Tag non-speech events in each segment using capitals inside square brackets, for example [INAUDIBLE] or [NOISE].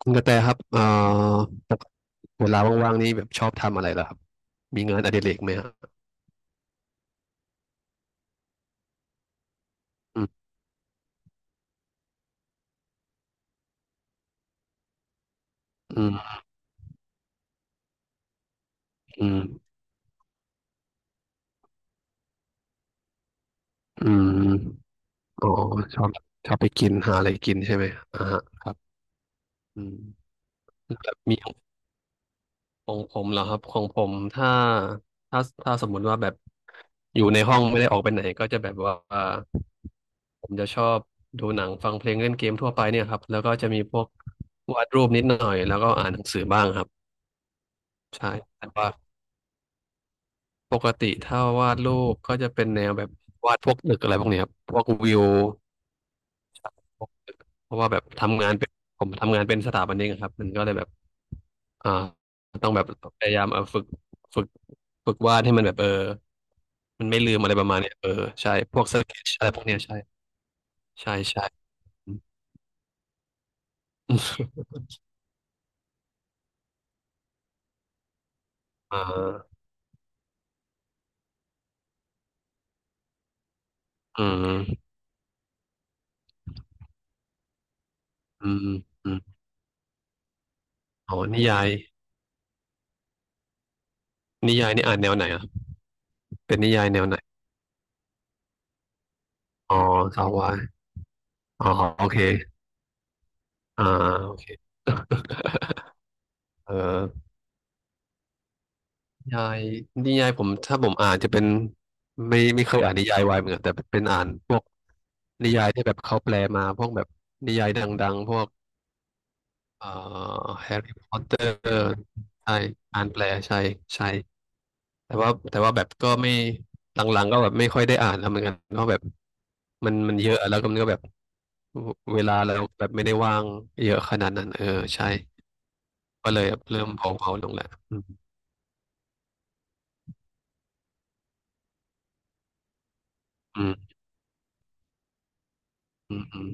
คุณกระแตครับปกติเวลาว่างๆนี่แบบชอบทำอะไรเหรอครับมีงานอดิเรกไหมฮะอืมอืมอืมอืมอ๋อชอบชอบไปกินหาอะไรกินใช่ไหมอ่าฮะครับอืมแบบมีของผมเหรอครับของผมถ้าถ้าสมมุติว่าแบบอยู่ในห้องไม่ได้ออกไปไหนก็จะแบบว่าผมจะชอบดูหนังฟังเพลงเล่นเกมทั่วไปเนี่ยครับแล้วก็จะมีพวกวาดรูปนิดหน่อยแล้วก็อ่านหนังสือบ้างครับใช่แต่ว่า ปกติถ้าวาดรูปก็จะเป็นแนวแบบวาดพวกตึกอะไรพวกเนี้ยครับพวกวิวพวกตึกเพราะว่าแบบทำงานเป็นผมทำงานเป็นสถาปนิกอะครับมันก็เลยแบบอ่าต้องแบบพยายามเออฝึกฝึกวาดให้มันแบบเออมันไม่ลืมอะไรประมาณเนี้ยเออใช่พวกสเก็ตอะไรพวกเนี้ยใช่ใช่ [LAUGHS] อืมอ่าอืมอืมอืมอ๋อนิยายนิยายนี่อ่านแนวไหนอ่ะเป็นนิยายแนวไหนอ๋อสาววายอ๋อโอเค อ่าโอเค [LAUGHS] เอ่อนิยายนิยายผมถ้าผมอ่านจะเป็นไม่เคยอ่านนิยายวายเหมือนกันแต่เป็นอ่านพวกนิยายที่แบบเขาแปลมาพวกแบบนิยายดังๆพวกเอ่อแฮร์รี่พอตเตอร์ใช่อ่านแปลใช่ใช่แต่ว่าแบบก็ไม่หลังๆก็แบบไม่ค่อยได้อ่านแล้วเหมือนกันเพราะแบบมันเยอะแล้วก็มันก็แบบเวลาเราแบบไม่ได้ว่างเยอะขนาดนั้นเออใช่ก็เลยแบบเริ่มเผาๆลงแหละอืม อืมอืม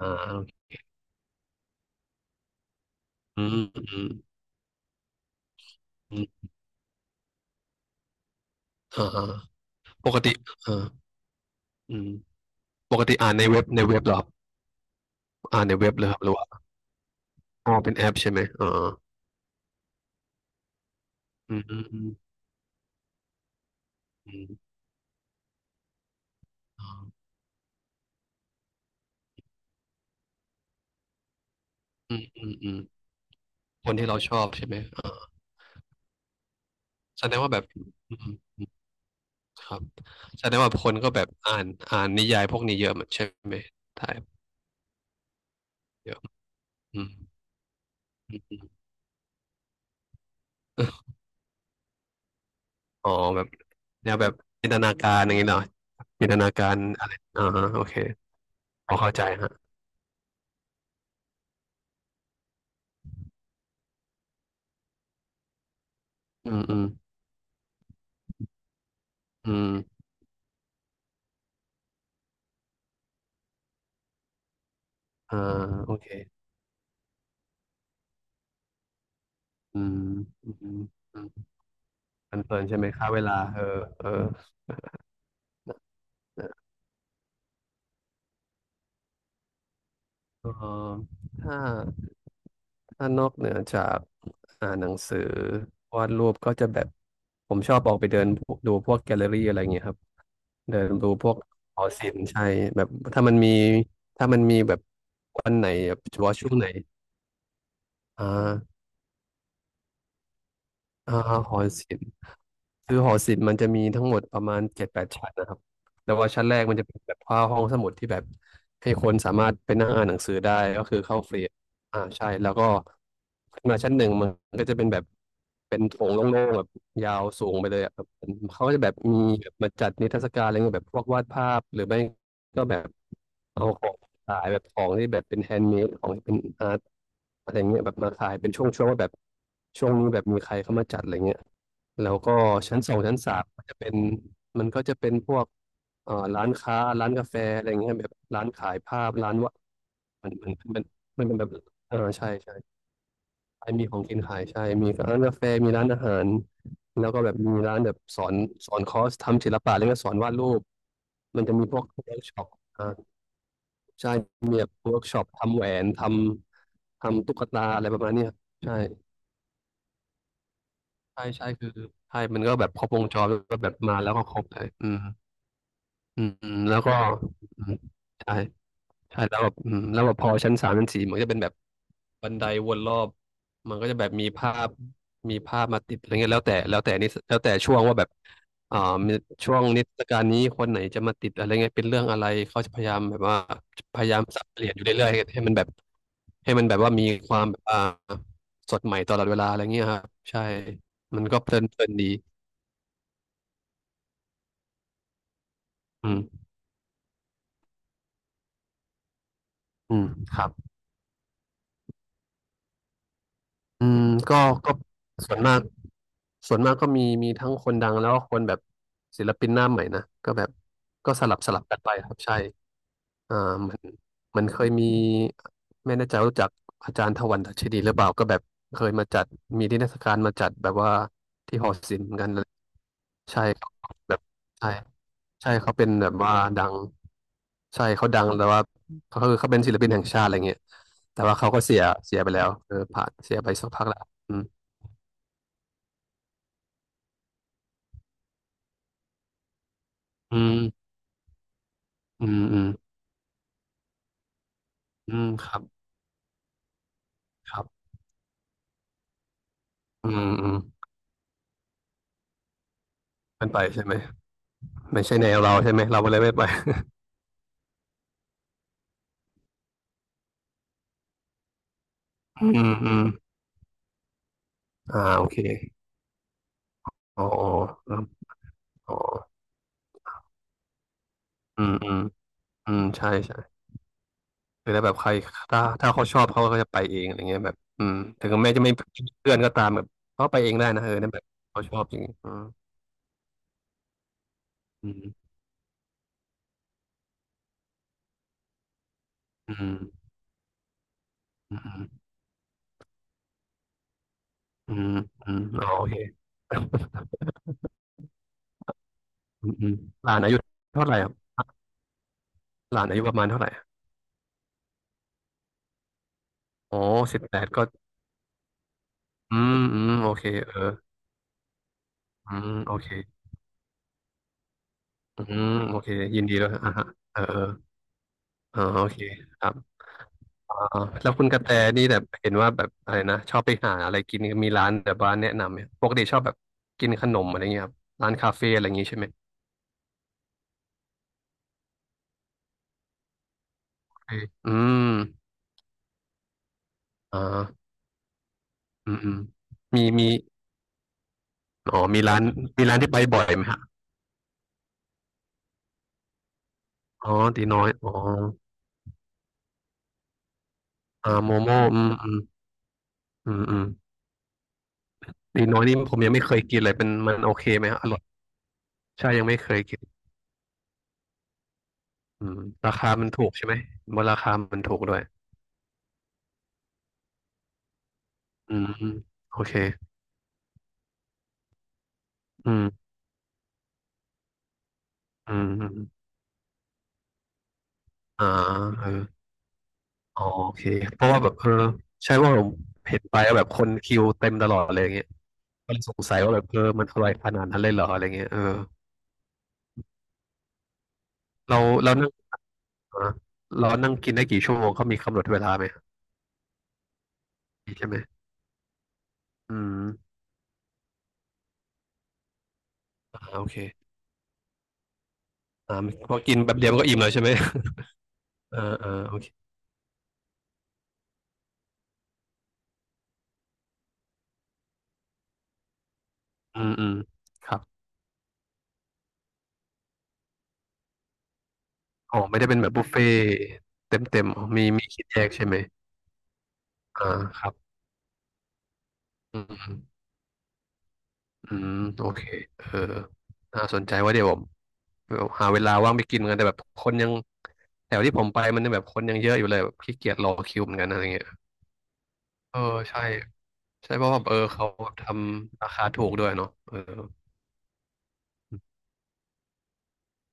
อ่าอืมอืมอืมอ่าอ่าปกติอ่าอืมปกติอ่านในเว็บในเว็บเหรอครับอ่านในเว็บเลยครับหรือว่าอ๋อเป็นแอปใช่ไหมอ่าอืมอืมอืมอืมอ่าอืมอืมอืมคนที่เราชอบใช่ไหมอ่าแสดงว่าแบบอืมครับแสดงว่าคนก็แบบอ่านนิยายพวกนี้เยอะเหมือนใช่ไหมถ่ายเยอะอืมอืมอืมอ๋อแบบแนวแบบจินตนาการอย่างนี้เนาะจินตนาการอะไรอ่าโอเคพอเข้าใจฮะอืมอืม อืมอ่าโอเค อืมอืมอืมเพลินๆใช่ไหมค่าเวลาเออเออเออถ้าถ้านอกเหนือจากอ่านหนังสือวาดรูปก็จะแบบ ผมชอบออกไปเดินดูพวกแกลเลอรี่อะไรเงี้ยครับ เดินดูพวกหอศิลป์ใช่แบบถ้ามันมี ถ้ามันมีแบบวันไหนแบบเฉพาะช่วงไหนอ่าอ่าหอศิลป์ คือหอศิลป์มันจะมีทั้งหมดประมาณเจ็ดแปดชั้นนะครับแต่ว่าชั้นแรกมันจะเป็นแบบว่าห้องสมุดที่แบบให้คนสามารถไปนั่งอ่านหนังสือได้ก็คือเข้าฟรีอ่าใช่ แล้วก็ขึ้นมาชั้นหนึ่งมันก็จะเป็นแบบเป็นโถงโล่งๆแบบยาวสูงไปเลยอะครับเขาก็จะแบบมีแบบมาจัดนิทรรศการอะไรเงี้ยแบบพวกวาดภาพหรือไม่ก็แบบเอาของ ขายแบบของที่แบบเป็นแฮนด์เมดของที่เป็นอาร์ตอะไรเงี้ยแบบมาขายเป็นช่วงๆว่าแบบช่วงนี้แบบมีใครเข้ามาจัดอะไรเงี้ยแล้วก็ชั้นสองชั้นสามมันจะเป็นมันก็จะเป็นพวกร้านค้าร้านกาแฟอะไรเงี้ยแบบร้านขายภาพร้านวะมันมันเป็นแบบเออใช่ใช่มีของกินขายใช่มีร้านกาแฟมีร้านอาหารแล้วก็แบบมีร้านแบบสอนคอร์สทำศิลปะแล้วก็สอนวาดรูปมันจะมีพวกเวิร์กช็อป ใช่มีแบบเวิร์กช็อปทำแหวนทำตุ๊กตาอะไรประมาณเนี้ยครับใช่คือใช่ มันก็แบบครบวงจรแล้วแบบมาแล้วก็ครบเลยอืมอืมแล้วก็อืมใช่ใช่ แล้วแบบอืมแล้วแบบพอชั้นสามชั้นสี่มันก็จะเป็นแบบ บันไดวนรอบมันก็จะแบบมีภาพมีภาพมาติดอะไรเงี้ยแล้วแต่ช่วงว่าแบบอ่ามีช่วงนิทรรศการนี้คนไหนจะมาติดอะไรเงี้ยเป็นเรื่องอะไรเขาจะพยายามแบบว่าพยายามสับเปลี่ยนอยู่เรื่อยๆให้มันแบบให้มันแบบว่ามีความแบบอ่าสดใหม่ตลอดเวลาอะไรเงี้ยครับใช่มันก็เพลินดีอืมอืมครับ อืมก็ก็ส่วนมากก็มีทั้งคนดังแล้วก็คนแบบศิลปินหน้าใหม่นะก็แบบก็สลับกันไปครับใช่อ่ามันมันเคยมีไม่แน่ใจว่ารู้จักอาจารย์ถวันดัชนีหรือเปล่าก็แบบเคยมาจัดมีนิทรรศการมาจัดแบบว่าที่หอศิลป์เหมือนกันเลยใช่ครับแบบใช่ใช่เขาเป็นแบบว่าดังใช่เขาดังแต่ว่าเขาคือเขาเป็นศิลปินแห่งชาติอะไรเงี้ยแต่ว่าเขาก็เสียไปแล้วเออผ่านเสียไปสักพักแล้ว อืมอืมอืมอืมครับครับอืมอืมเป็นไปใช่ไหมไม่ใช่แนวเราใช่ไหมเราก็เลยไม่ไป [LAUGHS] อืมอืมโอเคอ๋ออ๋อคอ๋ออืมอืมอืมใช่ใช่คือถ้าแบบใครถ้าเขาชอบเขาก็จะไปเองอะไรเงี้ยแบบอืมถึงแม้จะไม่มีเพื่อนก็ตามแบบเขาไปเองได้นะเออนั่นแบบเขาชอบจริงอืมอืมอืมอืมอืมอืมอ๋อโอเคอืมอืมหลานอายุเท่าไหร่ครับหลานอายุประมาณเท่าไหร่อ๋อ18ก็ อืมอืมโอเคเอออืมโอเคอืมโอเคยินดีด้วยอ่ะฮะเออเอออ๋อโอเคครับอ๋อแล้วคุณกระแตนี่แบบเห็นว่าแบบอะไรนะชอบไปหาอะไรกินมีร้านแบบบ้านแนะนำไหมปกติชอบแบบกินขนมอะไรเงี้ยครับร้านคาเฟ่อะไรอย่างงี้ใช่ไหมโอเคอืมอ่าอืมอืมมีอ๋อมีร้านมีร้านที่ไปบ่อยไหมฮะอ๋อตีน้อยอ๋อโมโม่อืมอืมอืมอืมตีน้อยนี่ผมยังไม่เคยกินเลยเป็นมันโอเคไหมฮะอร่อยใช่ยังไม่เคย อืมราคามันถูกใช่ไหมบนราคามันถูกด้วยอืมโอเคอืมอืมอมอ่าเอออ๋อโอเคเพราะว่าแบบเออใช่ว่าผมเห็นไปแล้วแบบคนคิวเต็มตลอดอะไรอย่างเงี้ยก็เลยสงสัยว่าแบบเออมันอร่อยขนาดนั้นเลยเหรออะไรเงี้ยเออเราเรานั่งอ่าเรานั่งกินได้กี่ชั่วโมงเขามีกำหนดเวลาไหมมีใช่ไหมอืมโอเคอ่าพอกินแบบเดียวมันก็อิ่มแล้วใช่ไหมเออเออโอเคอืมอืมครับอ๋อไม่ได้เป็นแบบบุฟเฟ่เต็มมีคิดแยกใช่ไหม อ่าครับอืมอืมโอเคเออน่าสนใจว่าเดี๋ยวผมหาเวลาว่างไปกินกันแต่แบบคนยังแถวที่ผมไปมันแบบคนยังเยอะอยู่เลยแบบขี้เกียจรอคิวเหมือนกันอะไรเงี้ยเออใช่ใช่เพราะว่าเออเขาทำราคาถูกด้วยเนาะเออ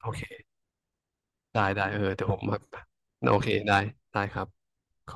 โอเคได้ได้เออเดี๋ยวผมมาโอเคได้ได้ครับขอบคุณ